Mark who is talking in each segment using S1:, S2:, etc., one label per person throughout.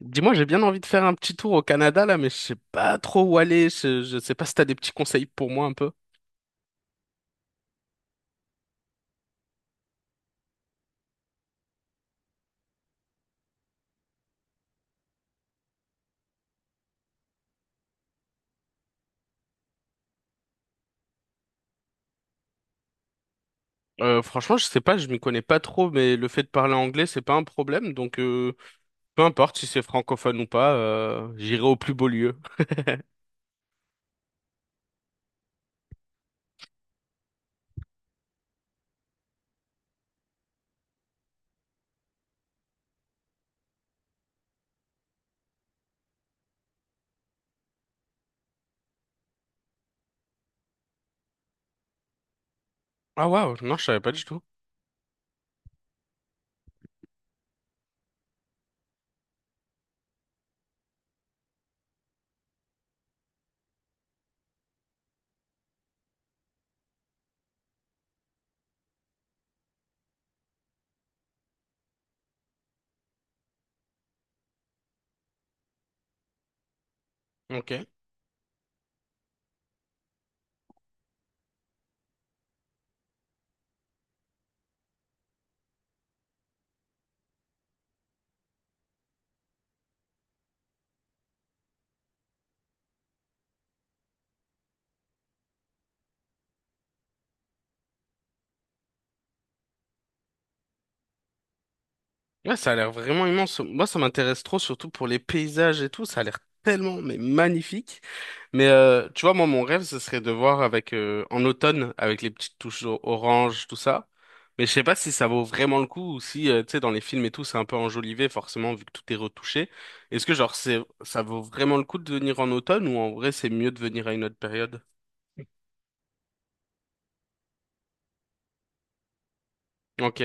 S1: Dis-moi, j'ai bien envie de faire un petit tour au Canada là, mais je sais pas trop où aller. Je sais pas si t'as des petits conseils pour moi un peu. Franchement, je sais pas, je m'y connais pas trop, mais le fait de parler anglais, c'est pas un problème. Donc, peu importe si c'est francophone ou pas, j'irai au plus beau lieu. Ah waouh, non, je savais pas du tout. Ok. Ouais, ça a l'air vraiment immense. Moi, ça m'intéresse trop, surtout pour les paysages et tout. Ça a l'air tellement, mais magnifique. Mais tu vois, moi, mon rêve, ce serait de voir avec en automne, avec les petites touches orange, tout ça. Mais je sais pas si ça vaut vraiment le coup ou si, tu sais, dans les films et tout, c'est un peu enjolivé, forcément, vu que tout est retouché. Est-ce que, genre, c'est, ça vaut vraiment le coup de venir en automne ou en vrai, c'est mieux de venir à une autre période? Ok,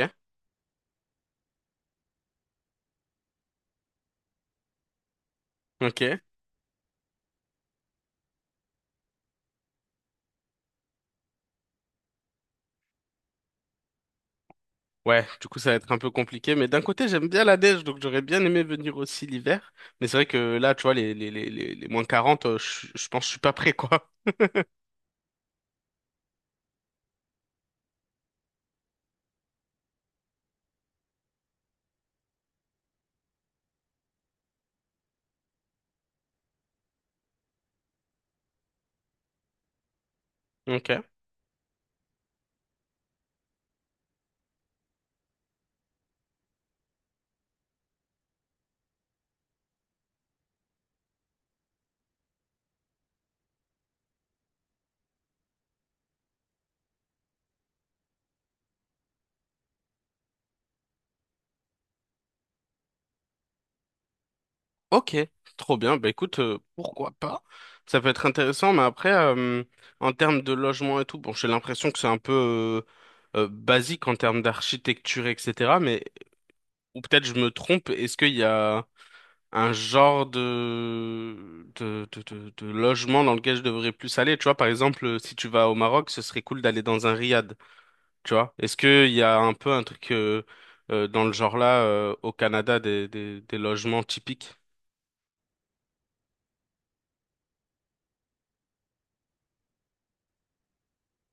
S1: ok. Ouais, du coup, ça va être un peu compliqué, mais d'un côté, j'aime bien la neige, donc j'aurais bien aimé venir aussi l'hiver. Mais c'est vrai que là, tu vois, les moins 40 je pense que je suis pas prêt, quoi. Ok. Ok, trop bien. Bah écoute, pourquoi pas? Ça peut être intéressant, mais après, en termes de logement et tout, bon, j'ai l'impression que c'est un peu basique en termes d'architecture, etc. Mais, ou peut-être je me trompe, est-ce qu'il y a un genre de logement dans lequel je devrais plus aller. Tu vois, par exemple, si tu vas au Maroc, ce serait cool d'aller dans un riad. Tu vois, est-ce qu'il y a un peu un truc dans le genre là au Canada des logements typiques?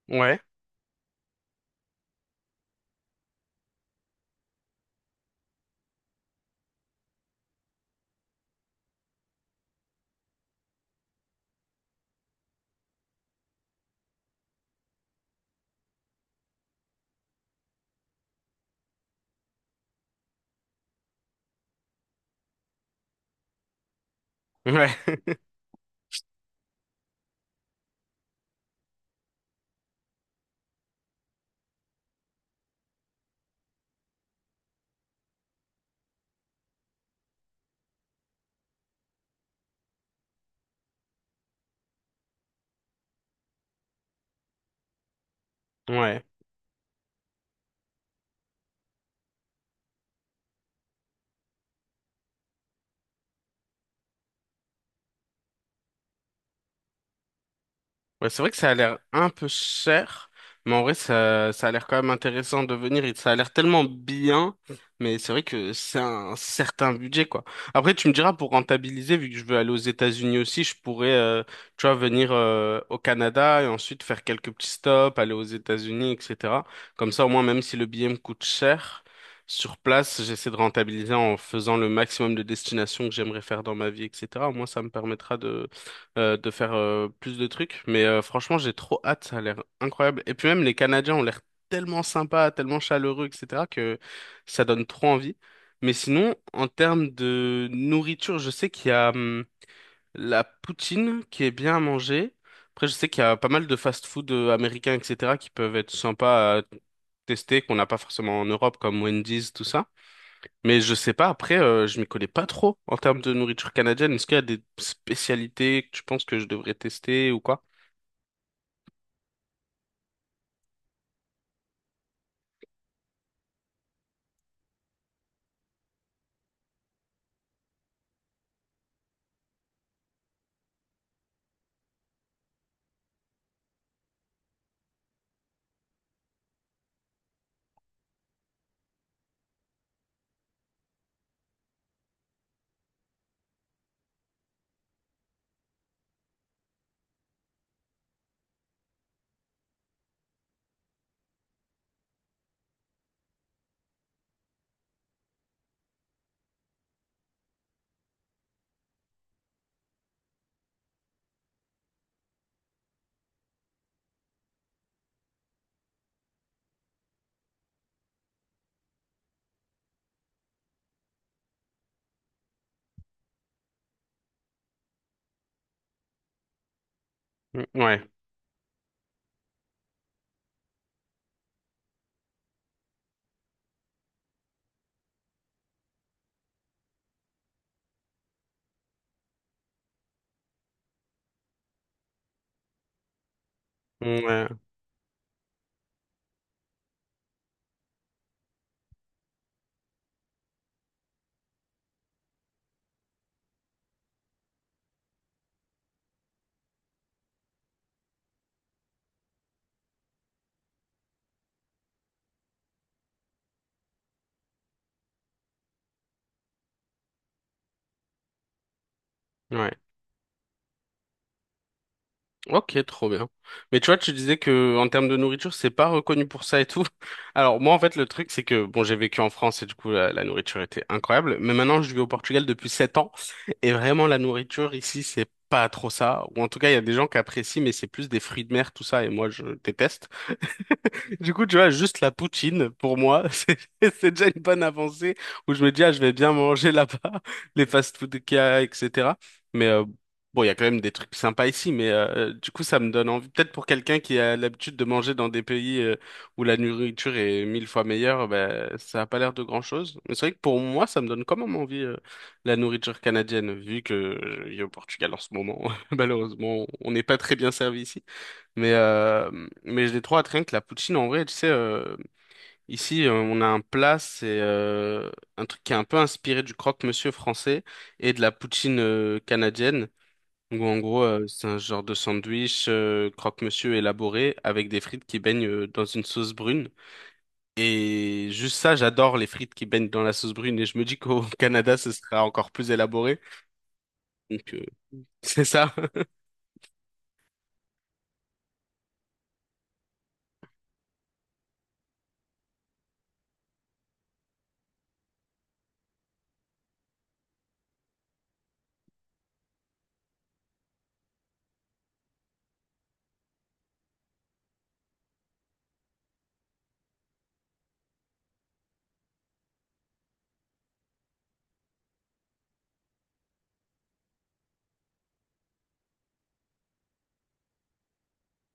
S1: Ouais. Ouais. Ouais. Ouais, c'est vrai que ça a l'air un peu cher, mais en vrai, ça a l'air quand même intéressant de venir. Et ça a l'air tellement bien, mais c'est vrai que c'est un certain budget, quoi. Après, tu me diras, pour rentabiliser, vu que je veux aller aux États-Unis aussi, je pourrais, tu vois, venir au Canada et ensuite faire quelques petits stops, aller aux États-Unis, etc. Comme ça, au moins, même si le billet me coûte cher, sur place, j'essaie de rentabiliser en faisant le maximum de destinations que j'aimerais faire dans ma vie, etc. Au moins, ça me permettra de faire plus de trucs. Mais franchement, j'ai trop hâte, ça a l'air incroyable. Et puis même les Canadiens ont l'air tellement sympas, tellement chaleureux, etc., que ça donne trop envie. Mais sinon, en termes de nourriture, je sais qu'il y a la poutine qui est bien à manger. Après, je sais qu'il y a pas mal de fast-food américains, etc., qui peuvent être sympas à tester, qu'on n'a pas forcément en Europe, comme Wendy's, tout ça. Mais je sais pas, après, je m'y connais pas trop en termes de nourriture canadienne. Est-ce qu'il y a des spécialités que tu penses que je devrais tester ou quoi? Mm, ouais. Mmh, ouais, ouais. Ok, trop bien. Mais tu vois, tu disais que en termes de nourriture, c'est pas reconnu pour ça et tout. Alors moi, en fait, le truc, c'est que bon, j'ai vécu en France et du coup, la nourriture était incroyable. Mais maintenant, je vis au Portugal depuis 7 ans et vraiment, la nourriture ici, c'est pas trop ça. Ou en tout cas, il y a des gens qui apprécient, mais c'est plus des fruits de mer, tout ça. Et moi, je déteste. Du coup, tu vois, juste la poutine, pour moi, c'est déjà une bonne avancée où je me dis, ah, je vais bien manger là-bas, les fast-food qu'il y a, etc. Mais bon, il y a quand même des trucs sympas ici, mais du coup, ça me donne envie. Peut-être pour quelqu'un qui a l'habitude de manger dans des pays où la nourriture est mille fois meilleure, ben, ça a pas l'air de grand-chose. Mais c'est vrai que pour moi, ça me donne quand même envie la nourriture canadienne, vu que je vis au Portugal en ce moment. Malheureusement, on n'est pas très bien servi ici. Mais, euh, mais je l'ai trop rien que la poutine, en vrai, tu sais, ici, on a un plat, c'est un truc qui est un peu inspiré du croque-monsieur français et de la poutine canadienne. Donc, en gros, c'est un genre de sandwich croque-monsieur élaboré avec des frites qui baignent dans une sauce brune. Et juste ça, j'adore les frites qui baignent dans la sauce brune et je me dis qu'au Canada, ce sera encore plus élaboré. Donc, c'est ça.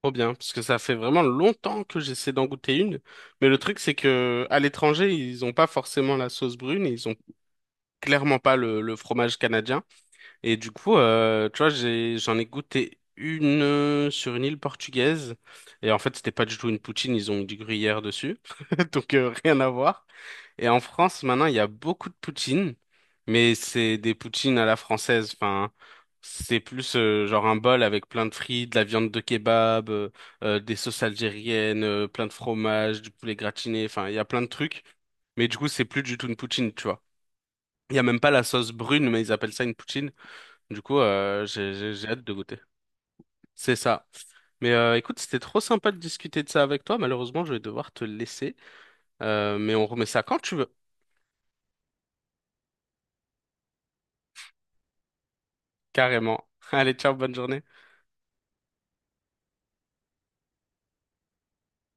S1: Trop bien, parce que ça fait vraiment longtemps que j'essaie d'en goûter une. Mais le truc, c'est que à l'étranger, ils ont pas forcément la sauce brune et ils ont clairement pas le fromage canadien. Et du coup, tu vois, j'en ai goûté une sur une île portugaise. Et en fait, c'était pas du tout une poutine, ils ont mis du gruyère dessus. Donc, rien à voir. Et en France, maintenant, il y a beaucoup de poutines, mais c'est des poutines à la française. Enfin, c'est plus genre un bol avec plein de frites, de la viande de kebab, des sauces algériennes, plein de fromage, du poulet gratiné. Enfin, il y a plein de trucs. Mais du coup, c'est plus du tout une poutine, tu vois. Il y a même pas la sauce brune, mais ils appellent ça une poutine. Du coup, j'ai hâte de goûter. C'est ça. Mais écoute, c'était trop sympa de discuter de ça avec toi. Malheureusement, je vais devoir te laisser. Mais on remet ça quand tu veux. Carrément. Allez, ciao, bonne journée.